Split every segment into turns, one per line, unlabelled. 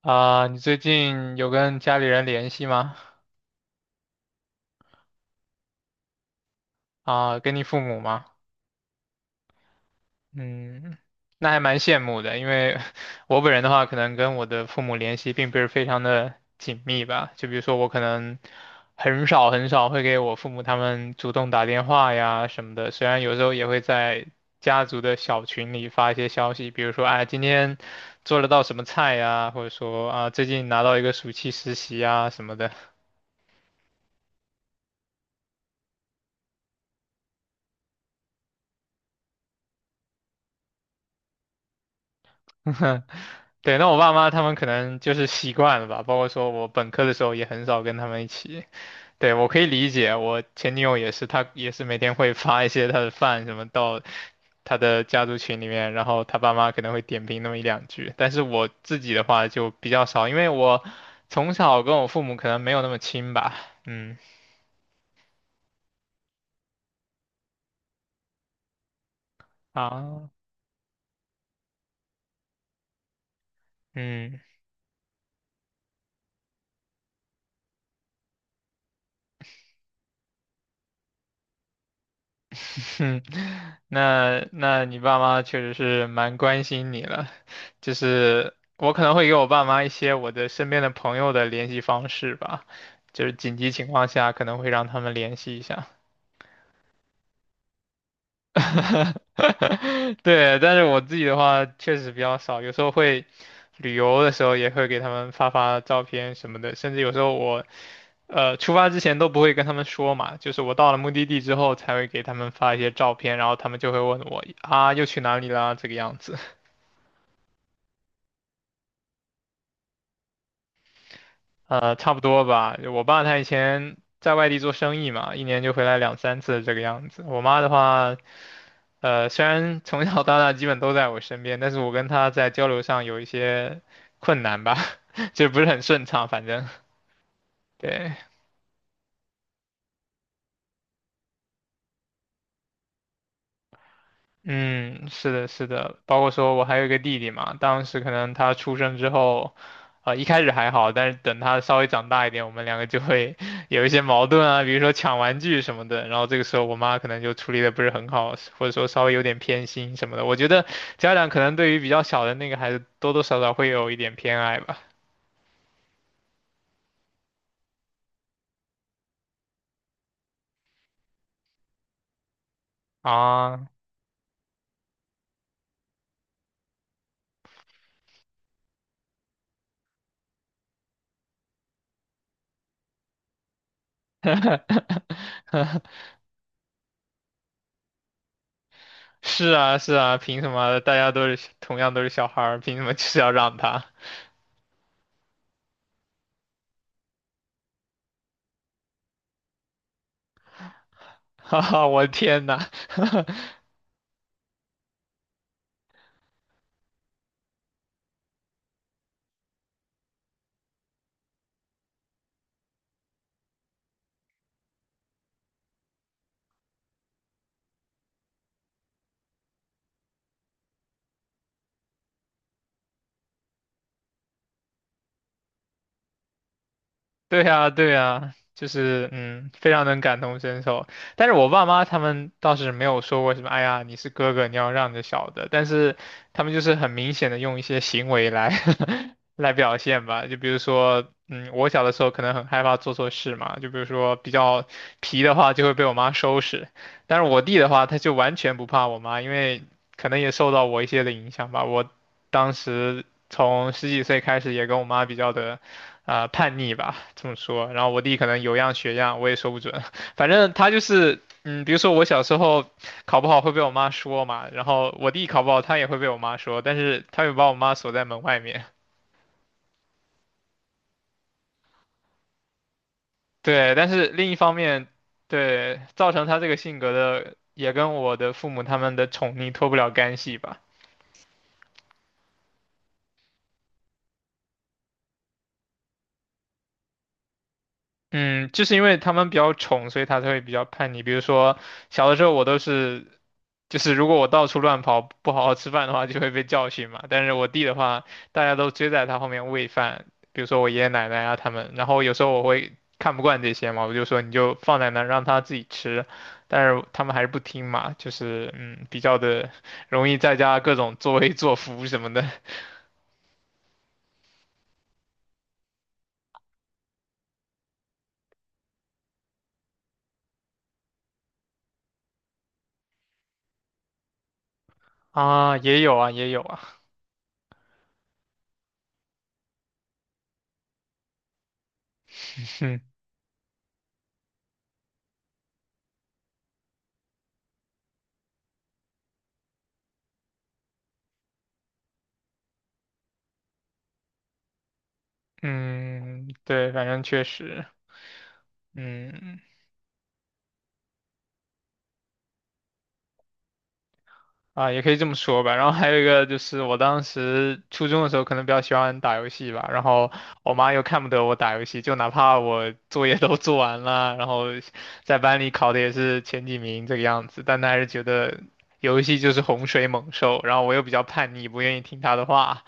啊，你最近有跟家里人联系吗？啊，跟你父母吗？嗯，那还蛮羡慕的，因为 我本人的话，可能跟我的父母联系并不是非常的紧密吧。就比如说，我可能很少会给我父母他们主动打电话呀什么的，虽然有时候也会在家族的小群里发一些消息，比如说，哎，今天做了道什么菜呀，或者说啊，最近拿到一个暑期实习啊什么的。对，那我爸妈他们可能就是习惯了吧，包括说我本科的时候也很少跟他们一起。对，我可以理解，我前女友也是，她也是每天会发一些她的饭什么到她的家族群里面，然后她爸妈可能会点评那么一两句。但是我自己的话就比较少，因为我从小跟我父母可能没有那么亲吧。嗯，啊，嗯，哼。那你爸妈确实是蛮关心你了，就是我可能会给我爸妈一些我的身边的朋友的联系方式吧，就是紧急情况下可能会让他们联系一下。对，但是我自己的话确实比较少，有时候会旅游的时候也会给他们发发照片什么的，甚至有时候我出发之前都不会跟他们说嘛，就是我到了目的地之后才会给他们发一些照片，然后他们就会问我啊又去哪里啦这个样子。差不多吧。我爸他以前在外地做生意嘛，一年就回来两三次这个样子。我妈的话，虽然从小到大基本都在我身边，但是我跟她在交流上有一些困难吧，就不是很顺畅，反正对。嗯，是的，是的，包括说我还有一个弟弟嘛，当时可能他出生之后，一开始还好，但是等他稍微长大一点，我们两个就会 有一些矛盾啊，比如说抢玩具什么的，然后这个时候我妈可能就处理的不是很好，或者说稍微有点偏心什么的。我觉得家长可能对于比较小的那个孩子，多多少少会有一点偏爱吧。啊，是啊，是啊，凭什么大家都是同样都是小孩儿，凭什么就是要让他？哈哈，我天呐！对呀，对呀，就是嗯，非常能感同身受。但是我爸妈他们倒是没有说过什么，哎呀，你是哥哥，你要让着小的。但是他们就是很明显的用一些行为来 来表现吧，就比如说，嗯，我小的时候可能很害怕做错事嘛，就比如说比较皮的话就会被我妈收拾，但是我弟的话他就完全不怕我妈，因为可能也受到我一些的影响吧。我当时从十几岁开始也跟我妈比较的。啊、叛逆吧，这么说？然后我弟可能有样学样，我也说不准。反正他就是，嗯，比如说我小时候考不好会被我妈说嘛，然后我弟考不好他也会被我妈说，但是他会把我妈锁在门外面。对，但是另一方面，对，造成他这个性格的也跟我的父母他们的宠溺脱不了干系吧。嗯，就是因为他们比较宠，所以他才会比较叛逆。比如说，小的时候我都是，就是如果我到处乱跑，不好好吃饭的话，就会被教训嘛。但是我弟的话，大家都追在他后面喂饭，比如说我爷爷奶奶啊他们。然后有时候我会看不惯这些嘛，我就说你就放在那儿让他自己吃，但是他们还是不听嘛，就是嗯，比较的容易在家各种作威作福什么的 啊，也有啊，也有啊，嗯嗯，对，反正确实。嗯，啊，也可以这么说吧。然后还有一个就是，我当时初中的时候可能比较喜欢打游戏吧，然后我妈又看不得我打游戏，就哪怕我作业都做完了，然后在班里考的也是前几名这个样子，但她还是觉得游戏就是洪水猛兽，然后我又比较叛逆，不愿意听她的话，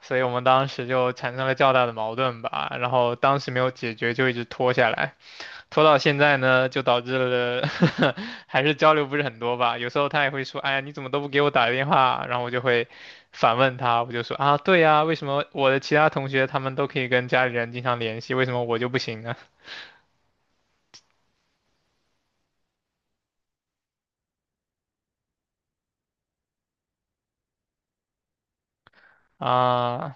所以我们当时就产生了较大的矛盾吧。然后当时没有解决，就一直拖下来。拖到现在呢，就导致了呵呵 还是交流不是很多吧。有时候他也会说：“哎呀，你怎么都不给我打个电话？”然后我就会反问他，我就说：“啊，对呀，为什么我的其他同学他们都可以跟家里人经常联系，为什么我就不行呢？”啊，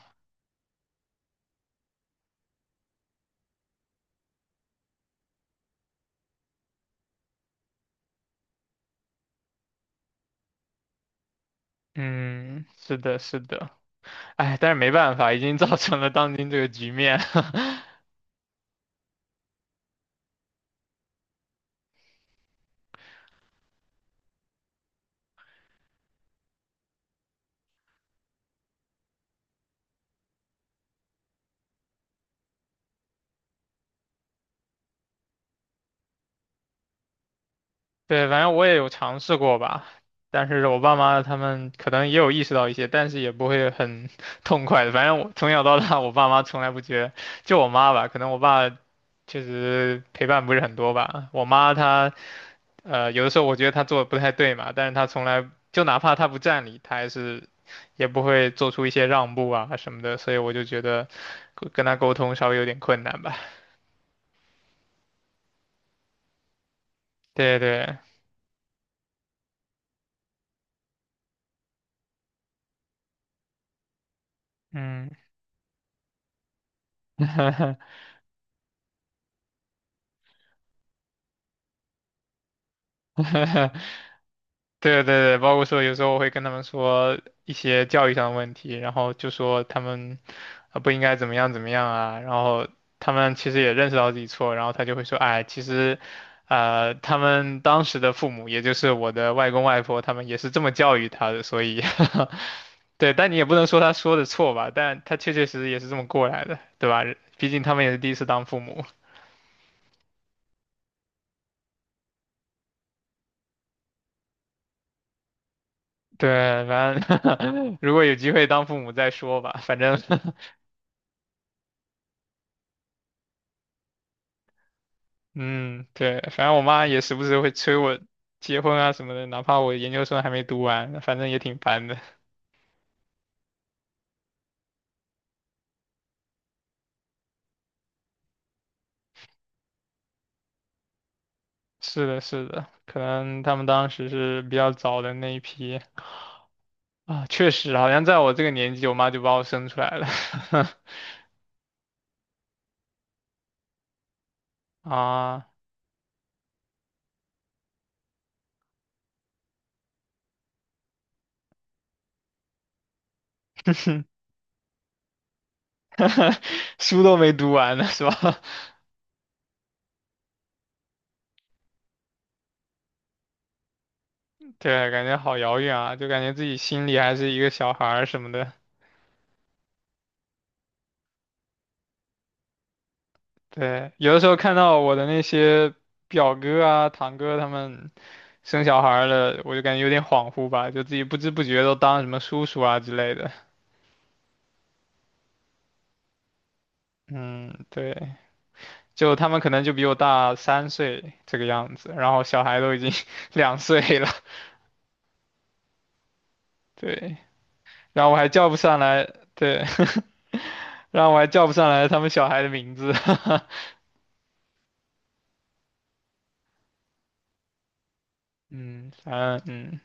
嗯，是的，是的，哎，但是没办法，已经造成了当今这个局面。对，反正我也有尝试过吧，但是我爸妈他们可能也有意识到一些，但是也不会很 痛快的。反正我从小到大，我爸妈从来不觉得，就我妈吧，可能我爸确实陪伴不是很多吧。我妈她有的时候我觉得她做的不太对嘛，但是她从来就哪怕她不占理，她还是也不会做出一些让步啊什么的，所以我就觉得跟她沟通稍微有点困难吧。对对，嗯。对对对，包括说有时候我会跟他们说一些教育上的问题，然后就说他们啊不应该怎么样怎么样啊，然后他们其实也认识到自己错，然后他就会说，哎，其实，他们当时的父母，也就是我的外公外婆，他们也是这么教育他的，所以，对，但你也不能说他说的错吧，但他确确实实也是这么过来的，对吧？毕竟他们也是第一次当父母，对，反正 如果有机会当父母再说吧，反正 嗯，对，反正我妈也时不时会催我结婚啊什么的，哪怕我研究生还没读完，反正也挺烦的。是的，是的，可能他们当时是比较早的那一批啊，确实，好像在我这个年纪，我妈就把我生出来了 啊，书都没读完呢，是吧？对，感觉好遥远啊，就感觉自己心里还是一个小孩儿什么的。对，有的时候看到我的那些表哥啊、堂哥他们。生小孩了，我就感觉有点恍惚吧，就自己不知不觉都当什么叔叔啊之类的。嗯，对，就他们可能就比我大3岁这个样子，然后小孩都已经 2岁了，对，然后我还叫不上来，对，然后我还叫不上来他们小孩的名字。嗯，反正嗯，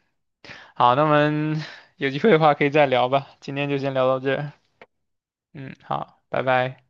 好，那我们有机会的话可以再聊吧，今天就先聊到这儿嗯，好，拜拜。